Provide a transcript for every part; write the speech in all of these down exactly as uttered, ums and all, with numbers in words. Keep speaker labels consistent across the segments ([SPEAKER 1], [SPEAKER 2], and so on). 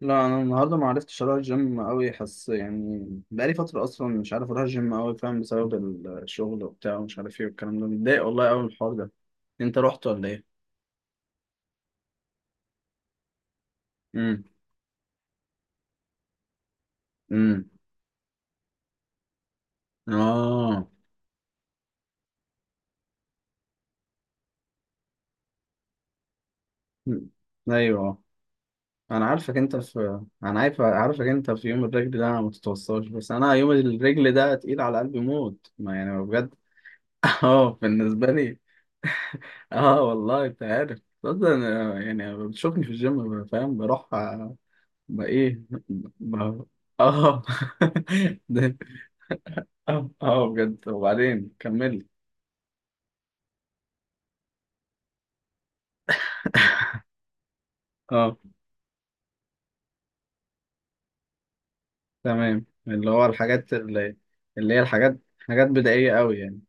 [SPEAKER 1] لا، انا النهارده ما عرفتش اروح الجيم قوي. حس يعني بقالي فتره اصلا مش عارف اروح الجيم قوي، فاهم، بسبب الشغل وبتاع ومش عارف ايه والكلام ده. متضايق والله قوي من الحوار ده. انت رحت ولا ايه؟ امم. امم. اه. مم. ايوه. انا عارفك انت في. انا عارف، عارفك انت في يوم الرجل ده ما تتوصاش، بس انا يوم الرجل ده تقيل على قلبي موت، ما يعني بجد. اه، بالنسبه لي. اه والله، انت عارف اصلا، يعني بتشوفني في الجيم، فاهم، بروح. ما ايه؟ ما. اه. ده. اه اه، بجد، وبعدين كمل. اه تمام، اللي هو الحاجات اللي، اللي هي الحاجات، حاجات بدائية قوي يعني.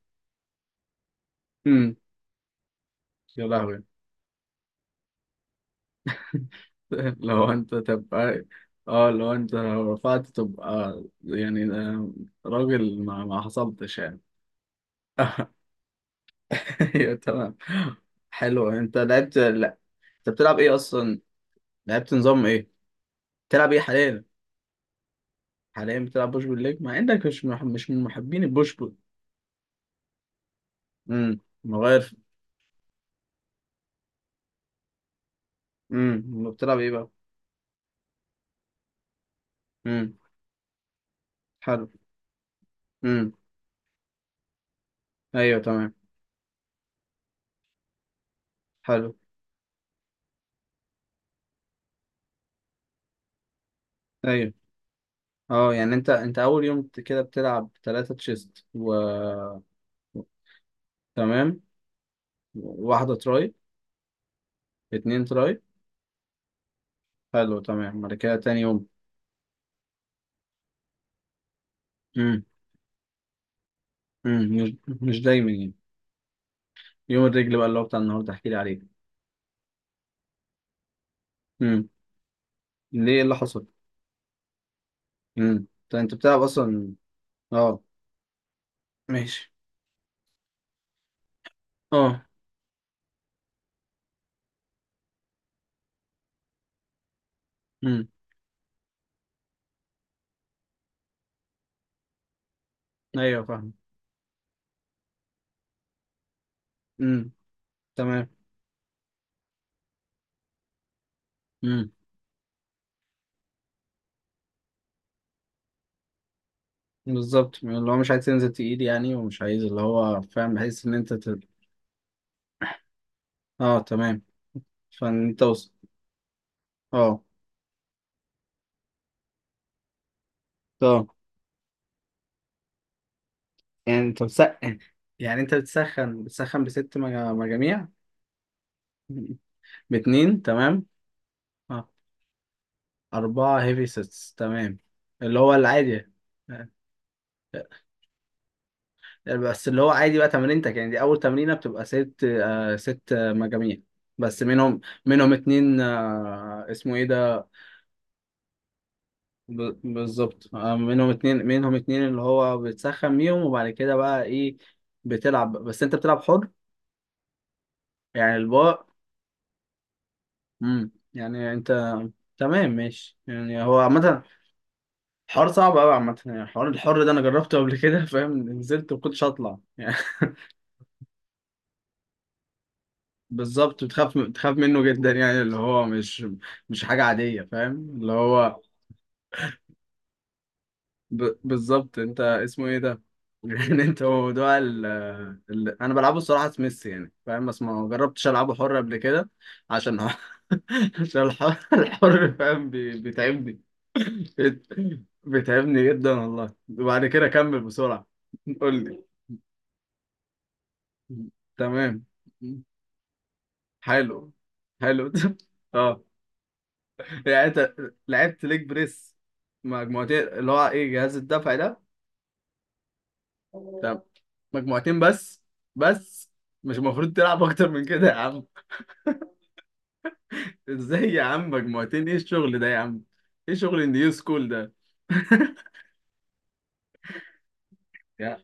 [SPEAKER 1] امم. يا لهوي. لو انت تبقى. اه، لو انت لو رفعت تبقى يعني آه، راجل، ما, ما حصلتش يعني. ايوه تمام. حلو، انت لعبت لا؟ انت بتلعب ايه اصلا؟ لعبت نظام ايه؟ بتلعب ايه حاليا؟ حاليا بتلعب بوش بول ليج مع انك مش مح... مش من محبين البوش بول. امم، مغير. امم، بتلعب ايه بقى؟ امم، حلو. امم. ايوه تمام. حلو. ايوه. اه، يعني انت انت اول يوم بت- كده بتلعب ثلاثة تشيست و. تمام. واحدة تراي، اتنين تراي. حلو تمام، بعد كده تاني يوم. امم. امم. مش. مش دايما يعني. يوم الرجل بقى اللي هو بتاع النهارده احكي لي عليه. امم. ليه، إيه اللي حصل؟ امم. انت بتلعب اصلا؟ اه. ماشي. اه. امم. ايوه فاهم. امم. تمام. امم. بالظبط، اللي هو مش عايز تنزل تقيل يعني ومش عايز، اللي هو فاهم، بحيث ان انت ت... اه تمام. فانت وص... اه. اه، يعني انت بتسخن؟ يعني انت بتسخن بتسخن بست مجا- مجاميع؟ باتنين، تمام. اه. اربعة هيفي سيتس، تمام. اللي هو العادي. آه. بس اللي هو عادي بقى تمرينتك، يعني دي اول تمرينة بتبقى ست آه، ست آه، مجاميع. بس منهم. منهم اتنين آه، اسمه ايه ده؟ ب- بالظبط آه، منهم اتنين، منهم اتنين اللي هو بتسخن بيهم، وبعد كده بقى ايه؟ بتلعب، بس انت بتلعب حر؟ يعني الباء. امم، يعني انت. تمام ماشي، يعني هو عامة حوار صعب قوي عامة. يعني حوار الحر ده انا جربته قبل كده. فاهم، نزلت وكنتش هطلع يعني. بالظبط، بتخاف بتخاف منه جدا، يعني اللي هو مش، مش حاجة عادية، فاهم، اللي هو ب... بالظبط، انت اسمه ايه ده؟ يعني انت، هو موضوع ال... ال... انا بلعبه الصراحه سميث، يعني فاهم، بس ما جربتش العبه حر قبل كده، عشان عشان الحر الحر فاهم بي... بيتعبني. بيت... بيتعبني جدا والله. وبعد كده كمل بسرعه. قول لي. تمام. حلو. حلو. اه، يعني انت لعبت ليج بريس مجموعتين، اللي هو ايه جهاز الدفع ده؟ طب، مجموعتين بس؟ بس؟ مش المفروض تلعب اكتر من كده يا عم؟ ازاي يا عم، مجموعتين، ايه الشغل ده يا عم، ايه شغل النيو سكول ده؟ يا-.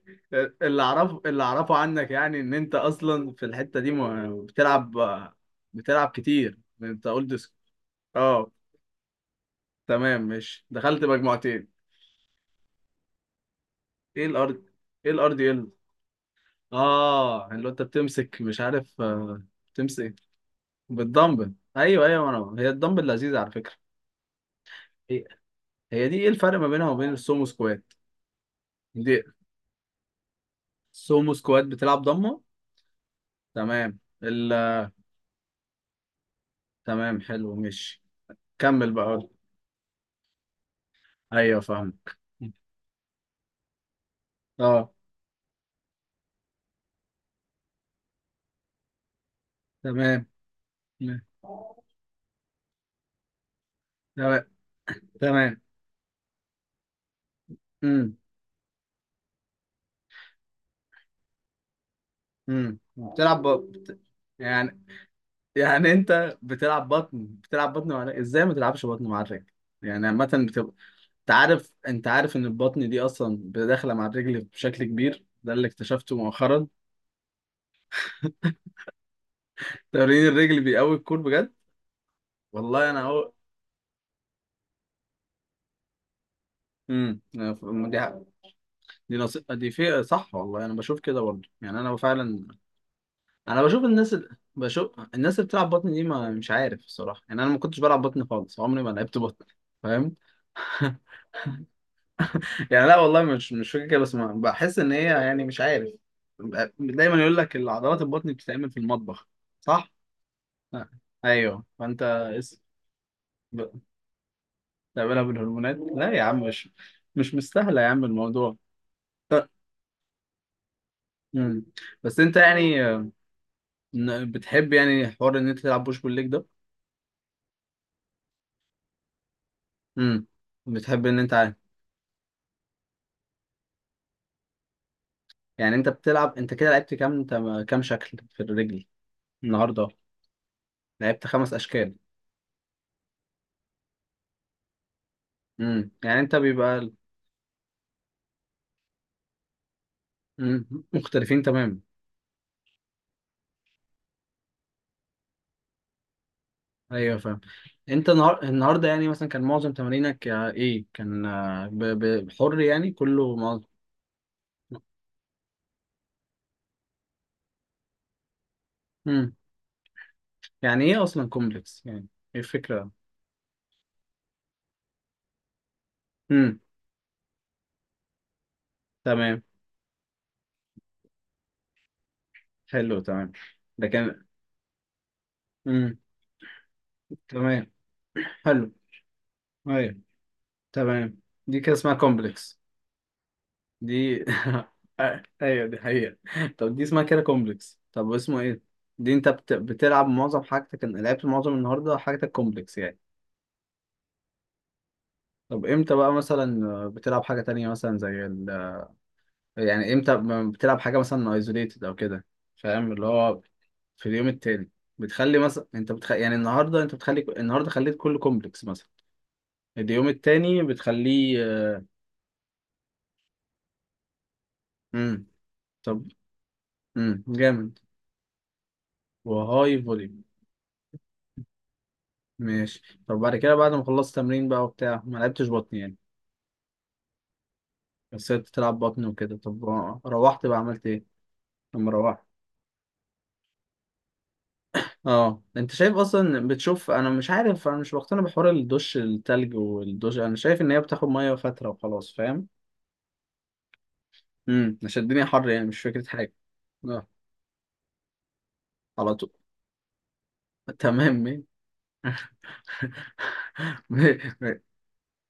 [SPEAKER 1] اللي اعرفه اللي اعرفه عنك يعني ان انت اصلا في الحتة دي م- بتلعب، بتلعب كتير، انت اولد سكول. اه تمام ماشي، دخلت مجموعتين. ايه الارض؟ ايه الارض ال. اه، اللي هو انت بتمسك، مش عارف آه، بتمسك بالدمبل، ايوه ايوه، انا هي الدمبل لذيذة على فكرة. هي دي، ايه الفرق ما بينها وبين السومو سكوات؟ دي. السومو سكوات بتلعب ضمه؟ تمام ال... تمام حلو ماشي. كمل بقى. ايوه فاهمك. اه. تمام. تمام. تمام. امم. امم. بتلعب ب... بت... يعني. يعني انت بتلعب بطن، بتلعب بطن مع الرجل؟ ازاي ما تلعبش بطن مع الرجل؟ يعني عامة بتبقى. انت عارف انت عارف ان البطن دي اصلا داخلة مع الرجل بشكل كبير، ده اللي اكتشفته مؤخرا. تمرين الرجل بيقوي الكور بجد. والله انا. امم. دي حق. دي نص... دي في صح. والله انا بشوف كده برضه، يعني انا فعلا انا بشوف الناس ال... بشوف الناس اللي بتلعب بطن دي، ما مش عارف الصراحه. يعني انا ما كنتش بلعب بطن خالص، عمري ما لعبت بطن، فاهم. يعني لا والله، مش مش فاكر كده، بس ما... بحس ان هي يعني مش عارف. ب- دايما يقول لك العضلات البطن بتتعمل في المطبخ، صح؟ لا. ايوه فانت اس... ب- بتعملها بالهرمونات؟ لا يا عم، مش مش مستاهله يا عم الموضوع. امم. بس انت يعني، إن- بتحب يعني حوار ان انت تلعب بوش بول ليج ده؟ امم. بتحب ان انت عارف، يعني انت بتلعب، انت كده لعبت كام، انت كام شكل في الرجل النهارده؟ لعبت خمس اشكال. امم، يعني انت بيبقى. مم. مختلفين تماما. ايوه فاهم. انت النهار... النهارده يعني مثلا كان معظم تمارينك آه، ايه كان آه، ب... ب... حر يعني كله معظم. امم، يعني ايه اصلا كومبلكس يعني، ايه الفكره؟ امم. تمام حلو. تمام. ده كان. امم. تمام. حلو. ايوه تمام. دي كده اسمها كومبلكس؟ دي. آه، ايوه دي حقيقة. طب دي اسمها كده كومبلكس، طب اسمه ايه؟ دي انت بت... بتلعب معظم حاجتك، لعبت معظم النهارده حاجتك كومبلكس يعني؟ طب امتى بقى مثلا آه، بتلعب حاجة تانية مثلا زي ال... يعني امتى ب- بتلعب حاجة مثلا ايزوليتد او كده، فاهم اللي هو؟ في اليوم التاني؟ بتخلي مثلا انت بتخ... يعني النهارده انت بتخلي، النهارده خليت كله كومبلكس مثلا. اليوم التاني بتخليه. امم. طب. امم جامد. وهاي فوليوم. ماشي طب، بعد كده بعد ما خلصت تمرين بقى وبتاع، ما لعبتش بطن يعني. بس سبت تلعب بطن وكده، طب روحت بقى عملت ايه لما روحت؟ اه انت شايف اصلا، بتشوف، انا مش عارف، انا مش بقتنع بحوار الدش التلج والدش، انا شايف ان هي بتاخد ميه فتره وخلاص، فاهم. امم، عشان الدنيا حر يعني، مش فكره حاجه. اه، على طول. تمام. مي-. مي-. مي-.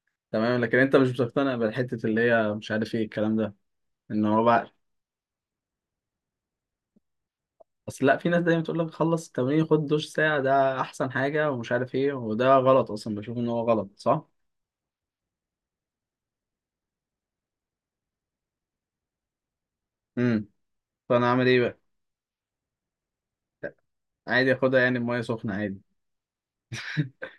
[SPEAKER 1] تمام، لكن انت مش بتقتنع بالحته اللي هي، مش عارف ايه الكلام ده، ان هو بقى. اصل لا، في ناس دايما تقول لك خلص التمرين خد دش ساعة ده احسن حاجة ومش عارف ايه، وده غلط اصلا، بشوف ان هو غلط صح؟ امم. فانا اعمل ايه بقى؟ عادي اخدها يعني بمية سخنة عادي.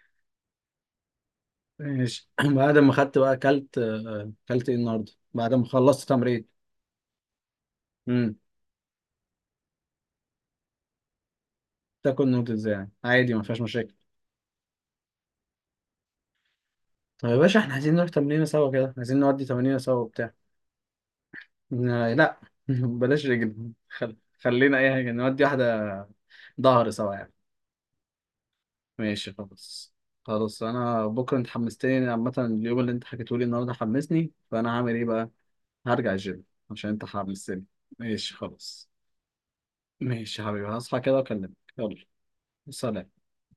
[SPEAKER 1] ماشي. بعد ما خدت بقى، اكلت آه، اكلت ايه النهارده بعد ما خلصت تمرين؟ امم. تاكل نودلز يعني عادي، ما فيهاش مشاكل؟ طب يا باشا احنا عايزين نروح تمرينة سوا كده، عايزين نودي تمرينة سوا وبتاع. آه، لا بلاش رجل. خل... خلينا اي حاجة، نودي واحدة. ظهر سوا يعني. ماشي خلاص. خلاص انا بكره، انت حمستني عامه، اليوم اللي انت حكيته لي النهارده حمسني، فانا هعمل ايه بقى؟ هرجع الجيم عشان انت حمستني. ماشي خلاص. ماشي يا حبيبي، هصحى كده واكلمك. يلا. سلام.